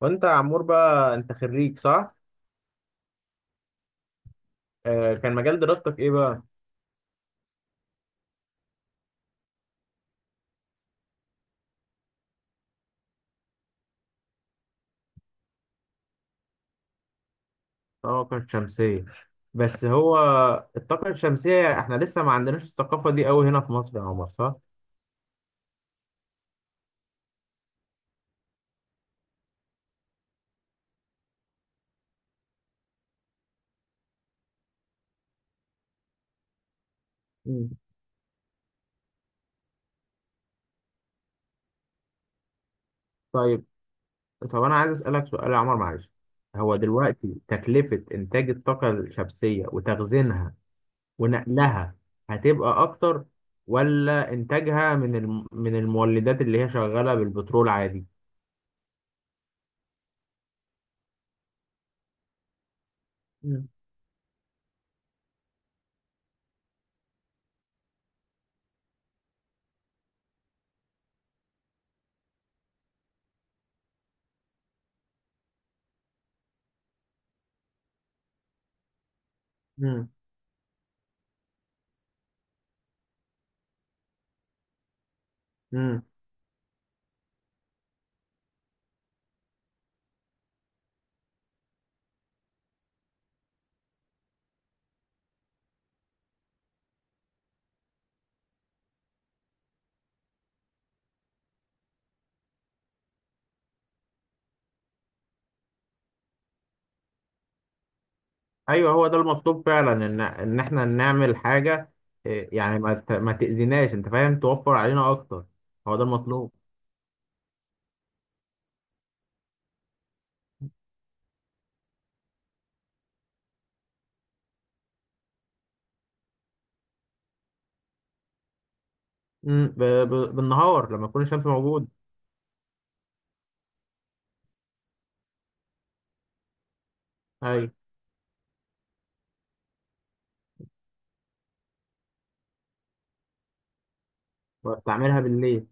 وانت يا عمور بقى انت خريج صح؟ كان مجال دراستك ايه بقى؟ الطاقة الشمسية. بس هو الطاقة الشمسية، احنا لسه ما عندناش الثقافة دي قوي هنا في مصر يا عمر، صح؟ مم. طيب، طب انا عايز اسألك سؤال يا عمر، معلش. هو دلوقتي تكلفة انتاج الطاقة الشمسية وتخزينها ونقلها هتبقى اكتر، ولا انتاجها من المولدات اللي هي شغالة بالبترول عادي؟ مم. مم. ايوه، هو ده المطلوب فعلا، ان احنا نعمل حاجه. يعني ما تاذيناش، انت فاهم، توفر علينا اكتر. هو ده المطلوب. بالنهار لما تكون الشمس موجوده. ايوه، واستعملها بالليل.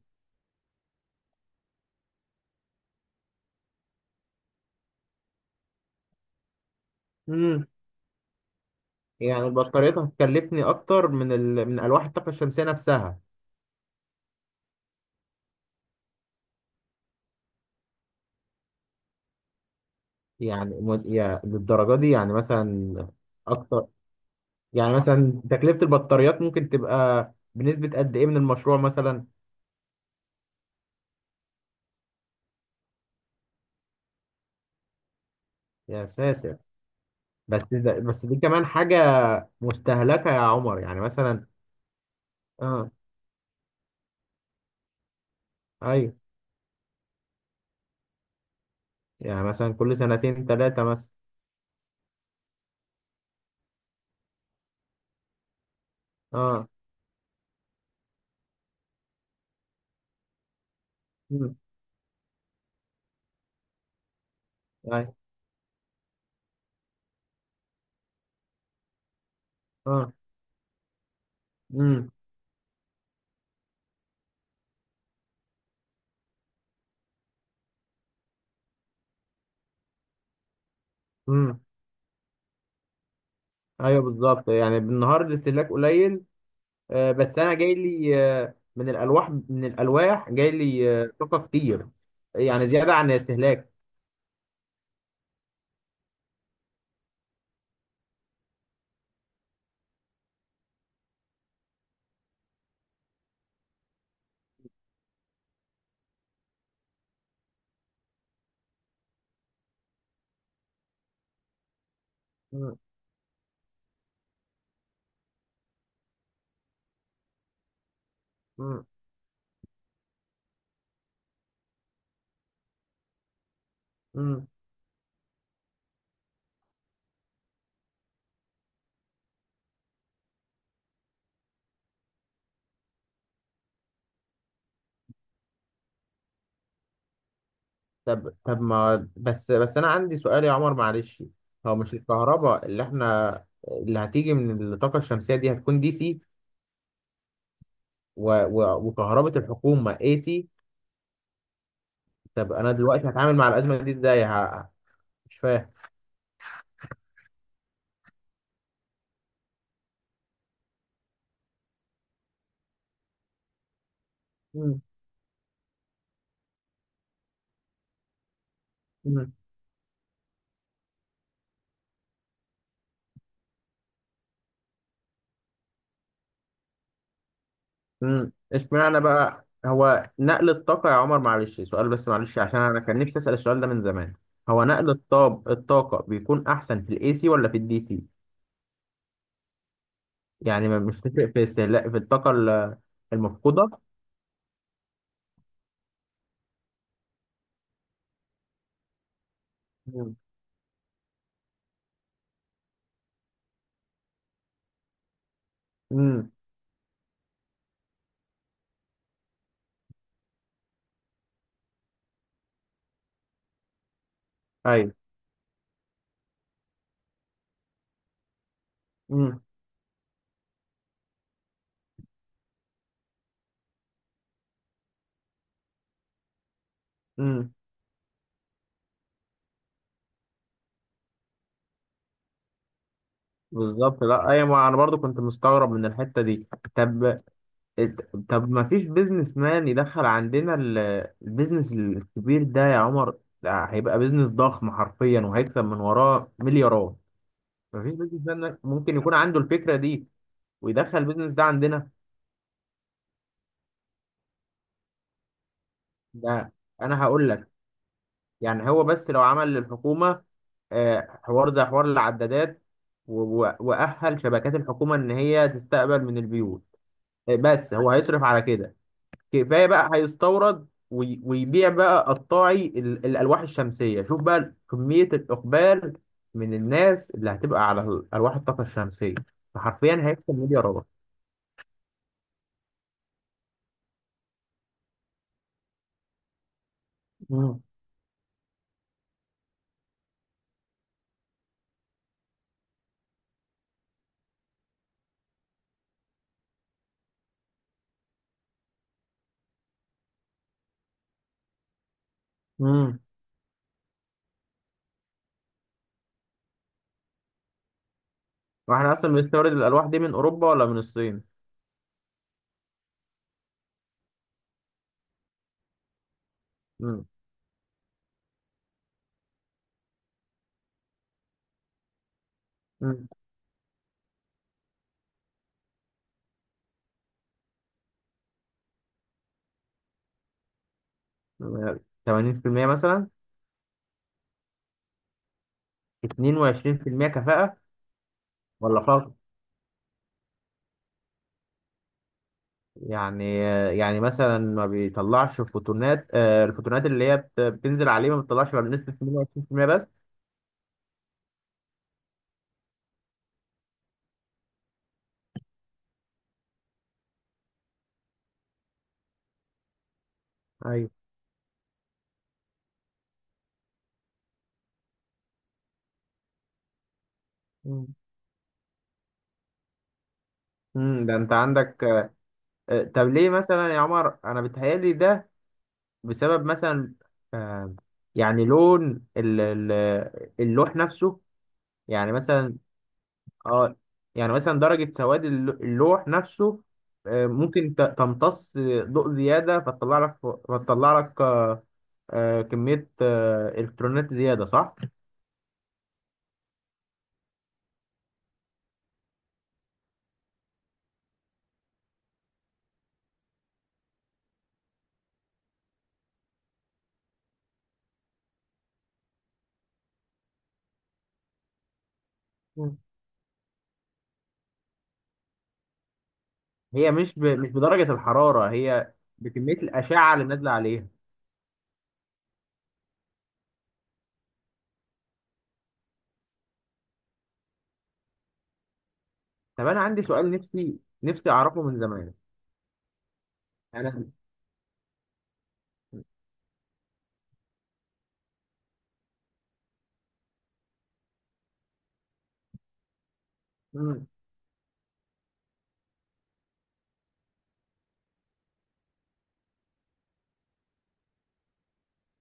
امم. يعني بطاريتها هتكلفني اكتر من الواح الطاقه الشمسيه نفسها. يعني للدرجه دي، يعني مثلا، اكتر. يعني مثلا تكلفه البطاريات ممكن تبقى بنسبه قد ايه من المشروع مثلا؟ يا ساتر. بس ده، بس دي كمان حاجة مستهلكة يا عمر، يعني مثلا. اه. ايوه، يعني مثلا كل سنتين ثلاثة مثلا. اه. امم. ايوه. اه. امم. امم. ايوه بالظبط، يعني بالنهار الاستهلاك قليل. آه، بس انا جاي لي من الالواح جاي لي طاقة كتير. يعني زيادة عن الاستهلاك. امم. امم. طب، ما بس انا عندي سؤال يا عمر، معلش. هو مش الكهرباء اللي هتيجي من الطاقة الشمسية دي هتكون دي سي، وكهرباء الحكومة اي سي؟ طب انا دلوقتي هتعامل مع الأزمة دي ازاي؟ مش فاهم. مم. مم. مم. اشمعنى بقى هو نقل الطاقة يا عمر؟ معلش سؤال بس، معلش، عشان انا كان نفسي أسأل السؤال ده من زمان. هو نقل الطاقة بيكون احسن في الاي سي ولا في الدي سي؟ يعني مش تفرق في استهلاك في الطاقة المفقودة؟ امم. ايوه. امم. امم. بالظبط، لا ايوه، ما انا برضو كنت مستغرب من الحته دي. طب طب، ما فيش بيزنس مان يدخل عندنا البيزنس الكبير ده يا عمر، ده هيبقى بيزنس ضخم حرفيا وهيكسب من وراه مليارات. ما فيش بيزنس مان ممكن يكون عنده الفكره دي ويدخل البيزنس ده عندنا؟ ده انا هقول لك، يعني هو بس لو عمل للحكومه، حوار زي حوار العدادات واهل شبكات الحكومه ان هي تستقبل من البيوت. بس هو هيصرف على كده، كفايه بقى هيستورد ويبيع بقى قطاعي الالواح الشمسيه، شوف بقى كميه الاقبال من الناس اللي هتبقى على الواح الطاقه الشمسيه، فحرفيا هيكسب مليارات. مم. مم. واحنا اصلا بنستورد الالواح دي من اوروبا ولا من الصين؟ مم. مم. 80% مثلا؟ 22% كفاءه؟ ولا فرق؟ يعني يعني مثلا ما بيطلعش فوتونات، الفوتونات اللي هي بتنزل عليه ما بتطلعش غير بنسبة 28% بس. ايوه. مم. امم، ده انت عندك. طب ليه مثلا يا عمر؟ انا بتهيالي ده بسبب مثلا، آه، يعني لون اللوح نفسه، يعني مثلا. اه، يعني مثلا درجة سواد اللوح نفسه، ممكن تمتص ضوء زيادة، فتطلع لك كمية الكترونات زيادة، صح؟ مم. هي مش بدرجة الحرارة، هي بكمية الأشعة اللي نازلة عليها. طب أنا عندي سؤال، نفسي أعرفه من زمان. أنا. مم.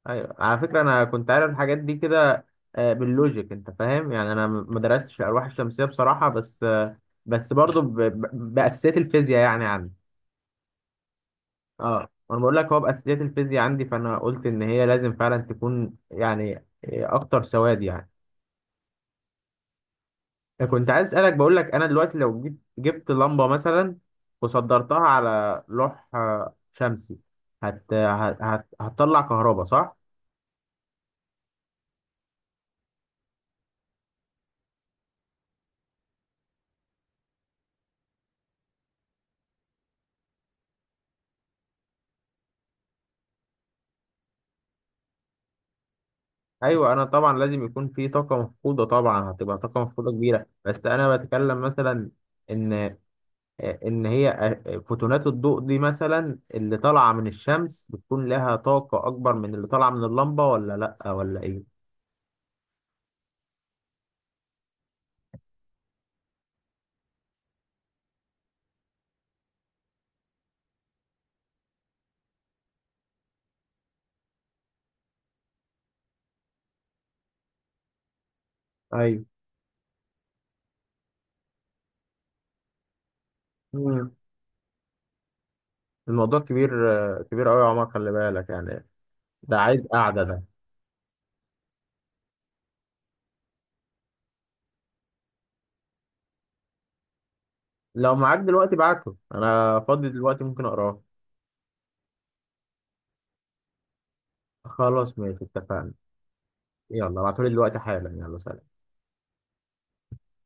أيوه، على فكرة أنا كنت عارف الحاجات دي كده، باللوجيك، أنت فاهم، يعني أنا ما درستش الألواح الشمسية بصراحة، بس بس برضه بأساسيات الفيزياء يعني عندي. أه، وأنا بقول لك هو بأساسيات الفيزياء عندي، فأنا قلت إن هي لازم فعلا تكون يعني أكتر سواد يعني. كنت عايز اسالك، بقول لك انا دلوقتي لو جبت لمبه مثلا وصدرتها على لوح شمسي هتطلع كهرباء، صح؟ ايوه، انا طبعا لازم يكون في طاقه مفقوده، طبعا هتبقى طاقه مفقوده كبيره، بس انا بتكلم مثلا ان ان هي فوتونات الضوء دي مثلا اللي طالعه من الشمس بتكون لها طاقه اكبر من اللي طالعه من اللمبه، ولا لا، ولا ايه؟ ايوه. مم. الموضوع كبير، كبير قوي يا عمر، خلي بالك يعني. ده عايز قعده ده. لو معاك دلوقتي ابعته، انا فاضي دلوقتي ممكن اقراه. خلاص ماشي، اتفقنا. يلا ابعتولي دلوقتي حالا، يلا سلام.